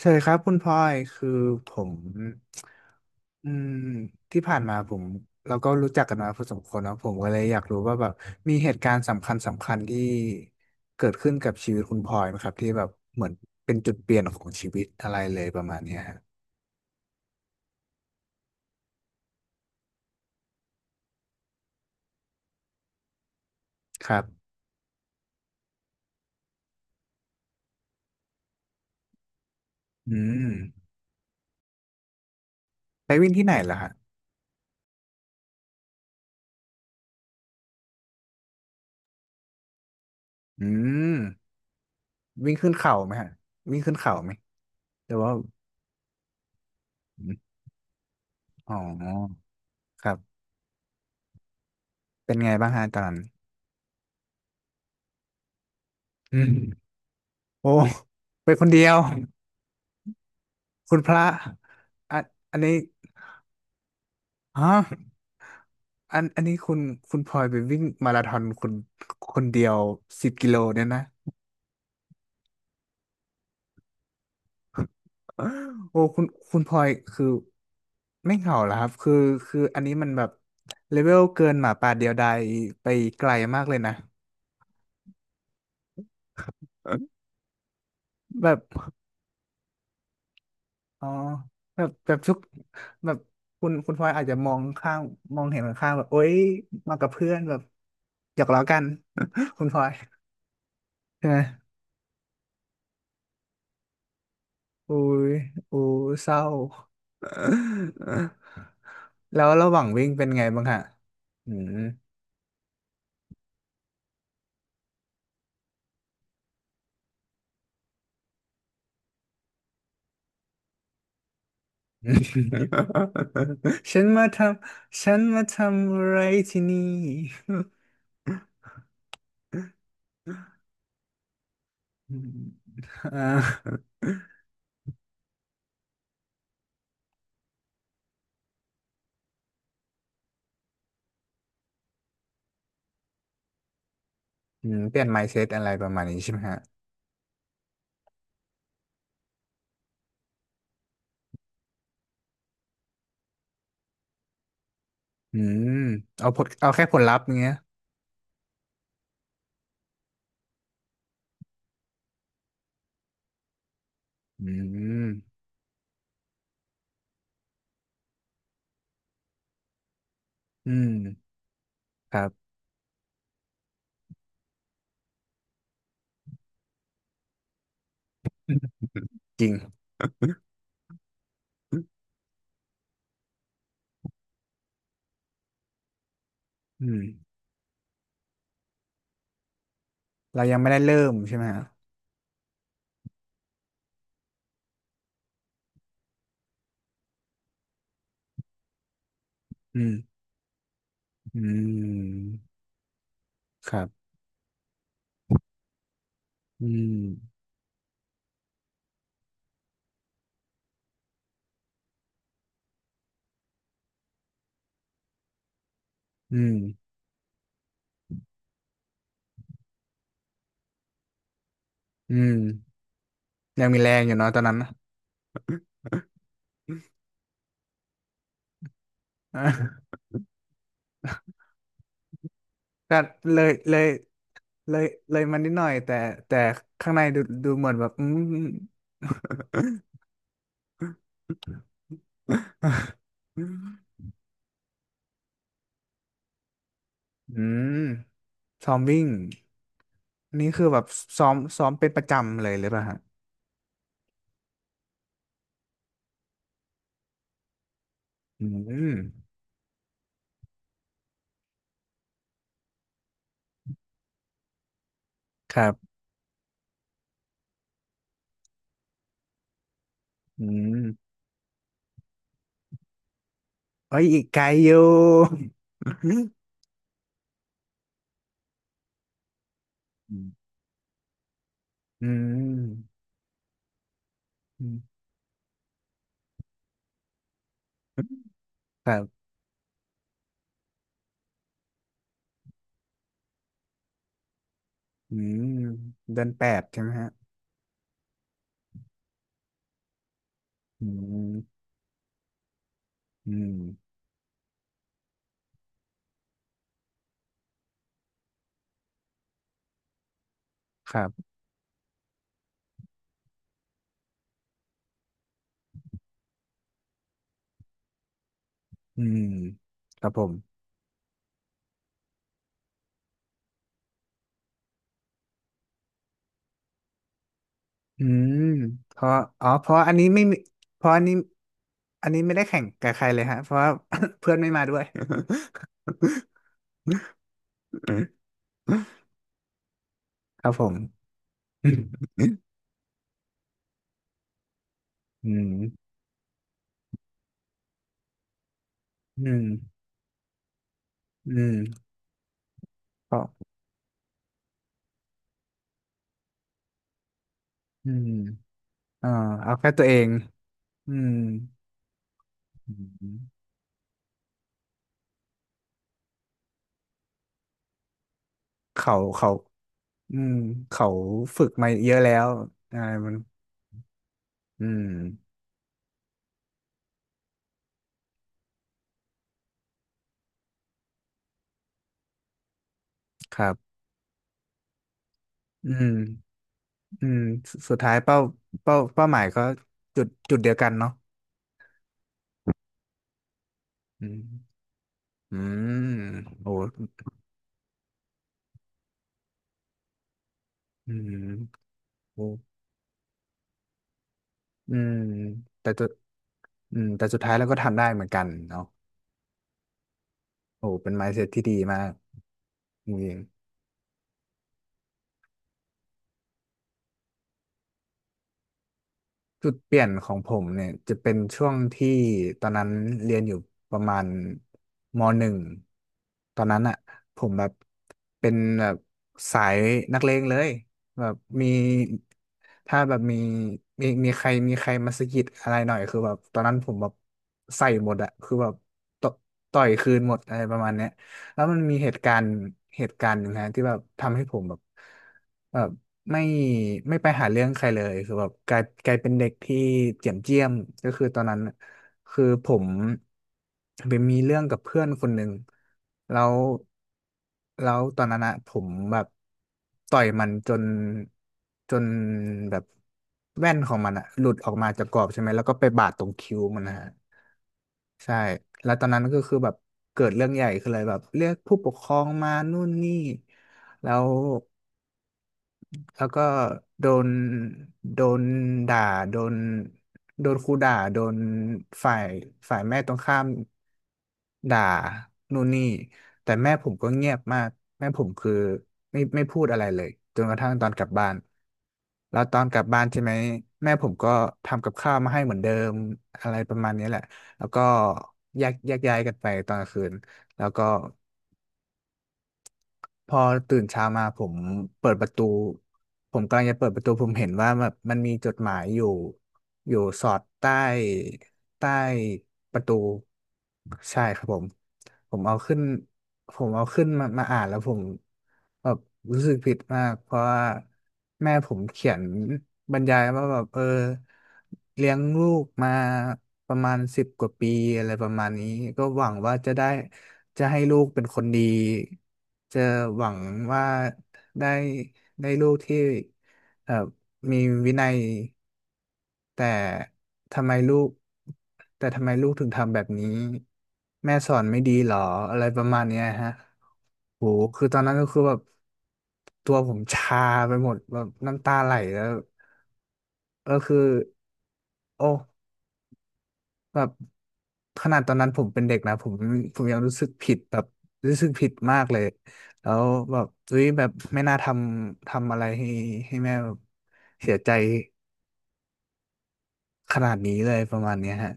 ใช่ครับคุณพลอยคือผมอืมที่ผ่านมาเราก็รู้จักกันมาพอสมควรเนอะผมก็เลยอยากรู้ว่าแบบมีเหตุการณ์สำคัญสำคัญที่เกิดขึ้นกับชีวิตคุณพลอยไหมครับที่แบบเหมือนเป็นจุดเปลี่ยนของชีวิตอะไรเลยประมาณเนี้ยฮะครับอืมไปวิ่งที่ไหนล่ะฮะอืมวิ่งขึ้นเขาไหมฮะวิ่งขึ้นเขาไหมแต่ว่าอมอ๋อครับเป็นไงบ้างฮะตอนนั้นอืมโอ้ไปคนเดียว คุณพระอันอันนี้ฮะอันนี้คุณพลอยไปวิ่งมาราธอนคนเดียว10 กิโลเนี่ยนะโอ้คุณพลอยคือไม่เหงาเหรอครับคืออันนี้มันแบบเลเวลเกินหมาป่าเดียวดายไปไกลมากเลยนะแบบอ๋อแบบทุกแบบคุณพลอยอาจจะมองข้างมองเห็นข้างแบบโอ๊ยมากับเพื่อนแบบหยอกล้อกัน คุณพลอยใช่ไหม อุ้ยอู้เศร้า แล้วระหว่างวิ่งเป็นไงบ้างฮะอืม ฉันมาทฉันมาทำอะไรที่นี่อืมอ่าเปลี่ยน mindset อะไรประมาณนี้ใช่ไหมฮะอืมเอาแค่ผลลัพธ์เงี้ยอืมอืมครับจริงอืมเรายังไม่ได้เริ่มใช่ไหมฮะอืมอืมครับอืมอืมอืม ยังมีแรงอยู่เนาะตอนนั้นนะ อ่ะก็เลยเลยเลยเลยมันนิดหน่อยแต่ข้างในดูเหมือนแบบ อืมซ้อมวิ่งนี่คือแบบซ้อมเป็นประจำเลยหรือเปล่าฮะอืมครับอืมเอ้ยอีกไกลอยู่ อืมอืมอืมครับอืมเดือนแปดใช่ไหมฮะอืมอืมครับ อืมครับผมอืมเพราะอ๋อเพราะอันนี้ไม่มีเพราะอันนี้อันนี้ไม่ได้แข่งกับใครเลยฮะเพราะว่า เพื่อนไม่มาด้วยครับผมอืมอืมอืมเพราะอืมอ่าเอาแค่ตัวเองอืมอืมเขาอืมเขาฝึกมาเยอะแล้วอะไรมันอืมครับอืม อืมสุดท้ายเป้าหมายก็จุดเดียวกันเนาะอืมอืมโอ้อืมโอ้อืมแต่ตัวแต่สุดท้ายเราก็ทำได้เหมือนกันเนาะโอ้เป็น mindset ที่ดีมากจริง จุดเปลี่ยนของผมเนี่ยจะเป็นช่วงที่ตอนนั้นเรียนอยู่ประมาณม.1ตอนนั้นอ่ะผมแบบเป็นแบบสายนักเลงเลยแบบมีถ้าแบบมีมีใครมาสะกิดอะไรหน่อยคือแบบตอนนั้นผมแบบใส่หมดอ่ะคือแบบตต่อยคืนหมดอะไรประมาณเนี้ย แล้วมันมีเหตุการณ์หนึ่งฮะที่แบบทำให้ผมแบบแบบไม่ไม่ไปหาเรื่องใครเลยคือแบบกลายเป็นเด็กที่เจียมก็คือตอนนั้นคือผมไปมีเรื่องกับเพื่อนคนหนึ่งแล้วแล้วตอนนั้นอะผมแบบต่อยมันจนแบบแว่นของมันอะหลุดออกมาจากกรอบใช่ไหมแล้วก็ไปบาดตรงคิ้วมันนะฮะ ใช่ แล้วตอนนั้นก็คือแบบเกิดเรื่องใหญ่คือเลยแบบเรียกผู้ปกครองมานู่นนี่ แล้วแล้วก็โดนโดนด่าโดนโดนครูด่าโดนฝ่ายฝ่ายแม่ตรงข้าม ด่านู่นนี่แต่แม่ผมก็เงียบมากแม่ผมคือไม่พูดอะไรเลยจนกระทั่งตอนกลับบ้านแล้วตอนกลับบ้านใช่ไหมแม่ผมก็ทำกับข้าวมาให้เหมือนเดิมอะไรประมาณนี้แหละแล้วก็แยกย้ายกันไปตอนกลางคืนแล้วก็พอตื่นเช้ามาเปิดประตูผมกำลังจะเปิดประตูผมเห็นว่าแบบมันมีจดหมายอยู่สอดใต้ประตูใช่ครับผม ผมเอาขึ้นผมเอาขึ้นมาอ่านแล้วผมแบบรู้สึกผิดมากเพราะว่าแม่ผมเขียนบรรยายว่าแบบเลี้ยงลูกมาประมาณ10 กว่าปีอะไรประมาณนี้ก็หวังว่าจะให้ลูกเป็นคนดีจะหวังว่าได้ได้ลูกที่ มีวินัยแต่ทำไมลูกแต่ทำไมลูกถึงทำแบบนี้แม่สอนไม่ดีหรออะไรประมาณเนี้ยฮะโหคือตอนนั้นก็คือแบบตัวผมชาไปหมดแบบน้ำตาไหลแล้วก็คือโอ้แบบขนาดตอนนั้นผมเป็นเด็กนะผมยังรู้สึกผิดแบบรู้สึกผิดมากเลยแล้วแบบอุ้ยแบบไม่น่าทำอะไรให้แม่แบบเสียใจ ขนาดนี้เลยประมาณเนี้ยฮะ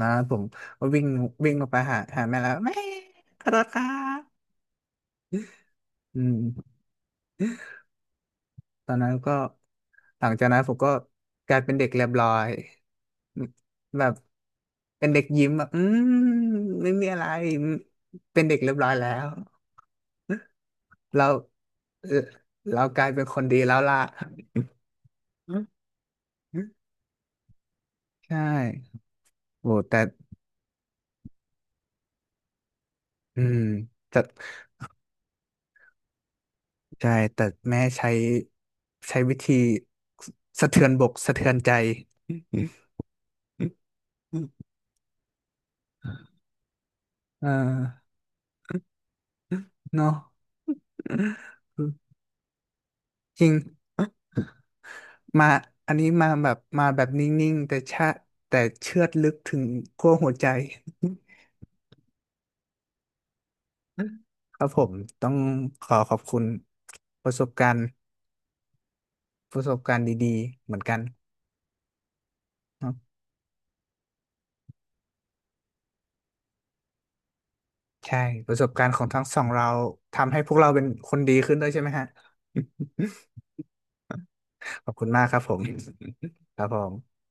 นะผมก็วิ่งวิ่งลงไปหาแม่แล้วแม่ขอโทษครับอืมตอนนั้นก็หลังจากนั้นผมก็กลายเป็นเด็กเรียบร้อยแบบเป็นเด็กยิ้มแบบมไม่มีอะไรอืมเป็นเด็กเรียบร้อยแล้วเราเอ่อเรากลายเป็นคนดีแล้วล่ะอืมใช่โอ้แต่อืมแต่ ใช่แต่แม่ใช้วิธีสะเทือนบกสะเทือนใจเออเนาะจริงมาอันนี้มาแบบมาแบบนิ่งๆแต่เชือดลึกถึงขั้วหัวใจครับผมต้องขอบคุณประสบการณ์ประสบการณ์ดีๆเหมือนกันเนาะใช่ประสบการณ์ของทั้งสองเราทำให้พวกเราเป็นคนดีขึ้นด้วยใช่ไหมฮะ ขอบคุณมากครับผม ครับผม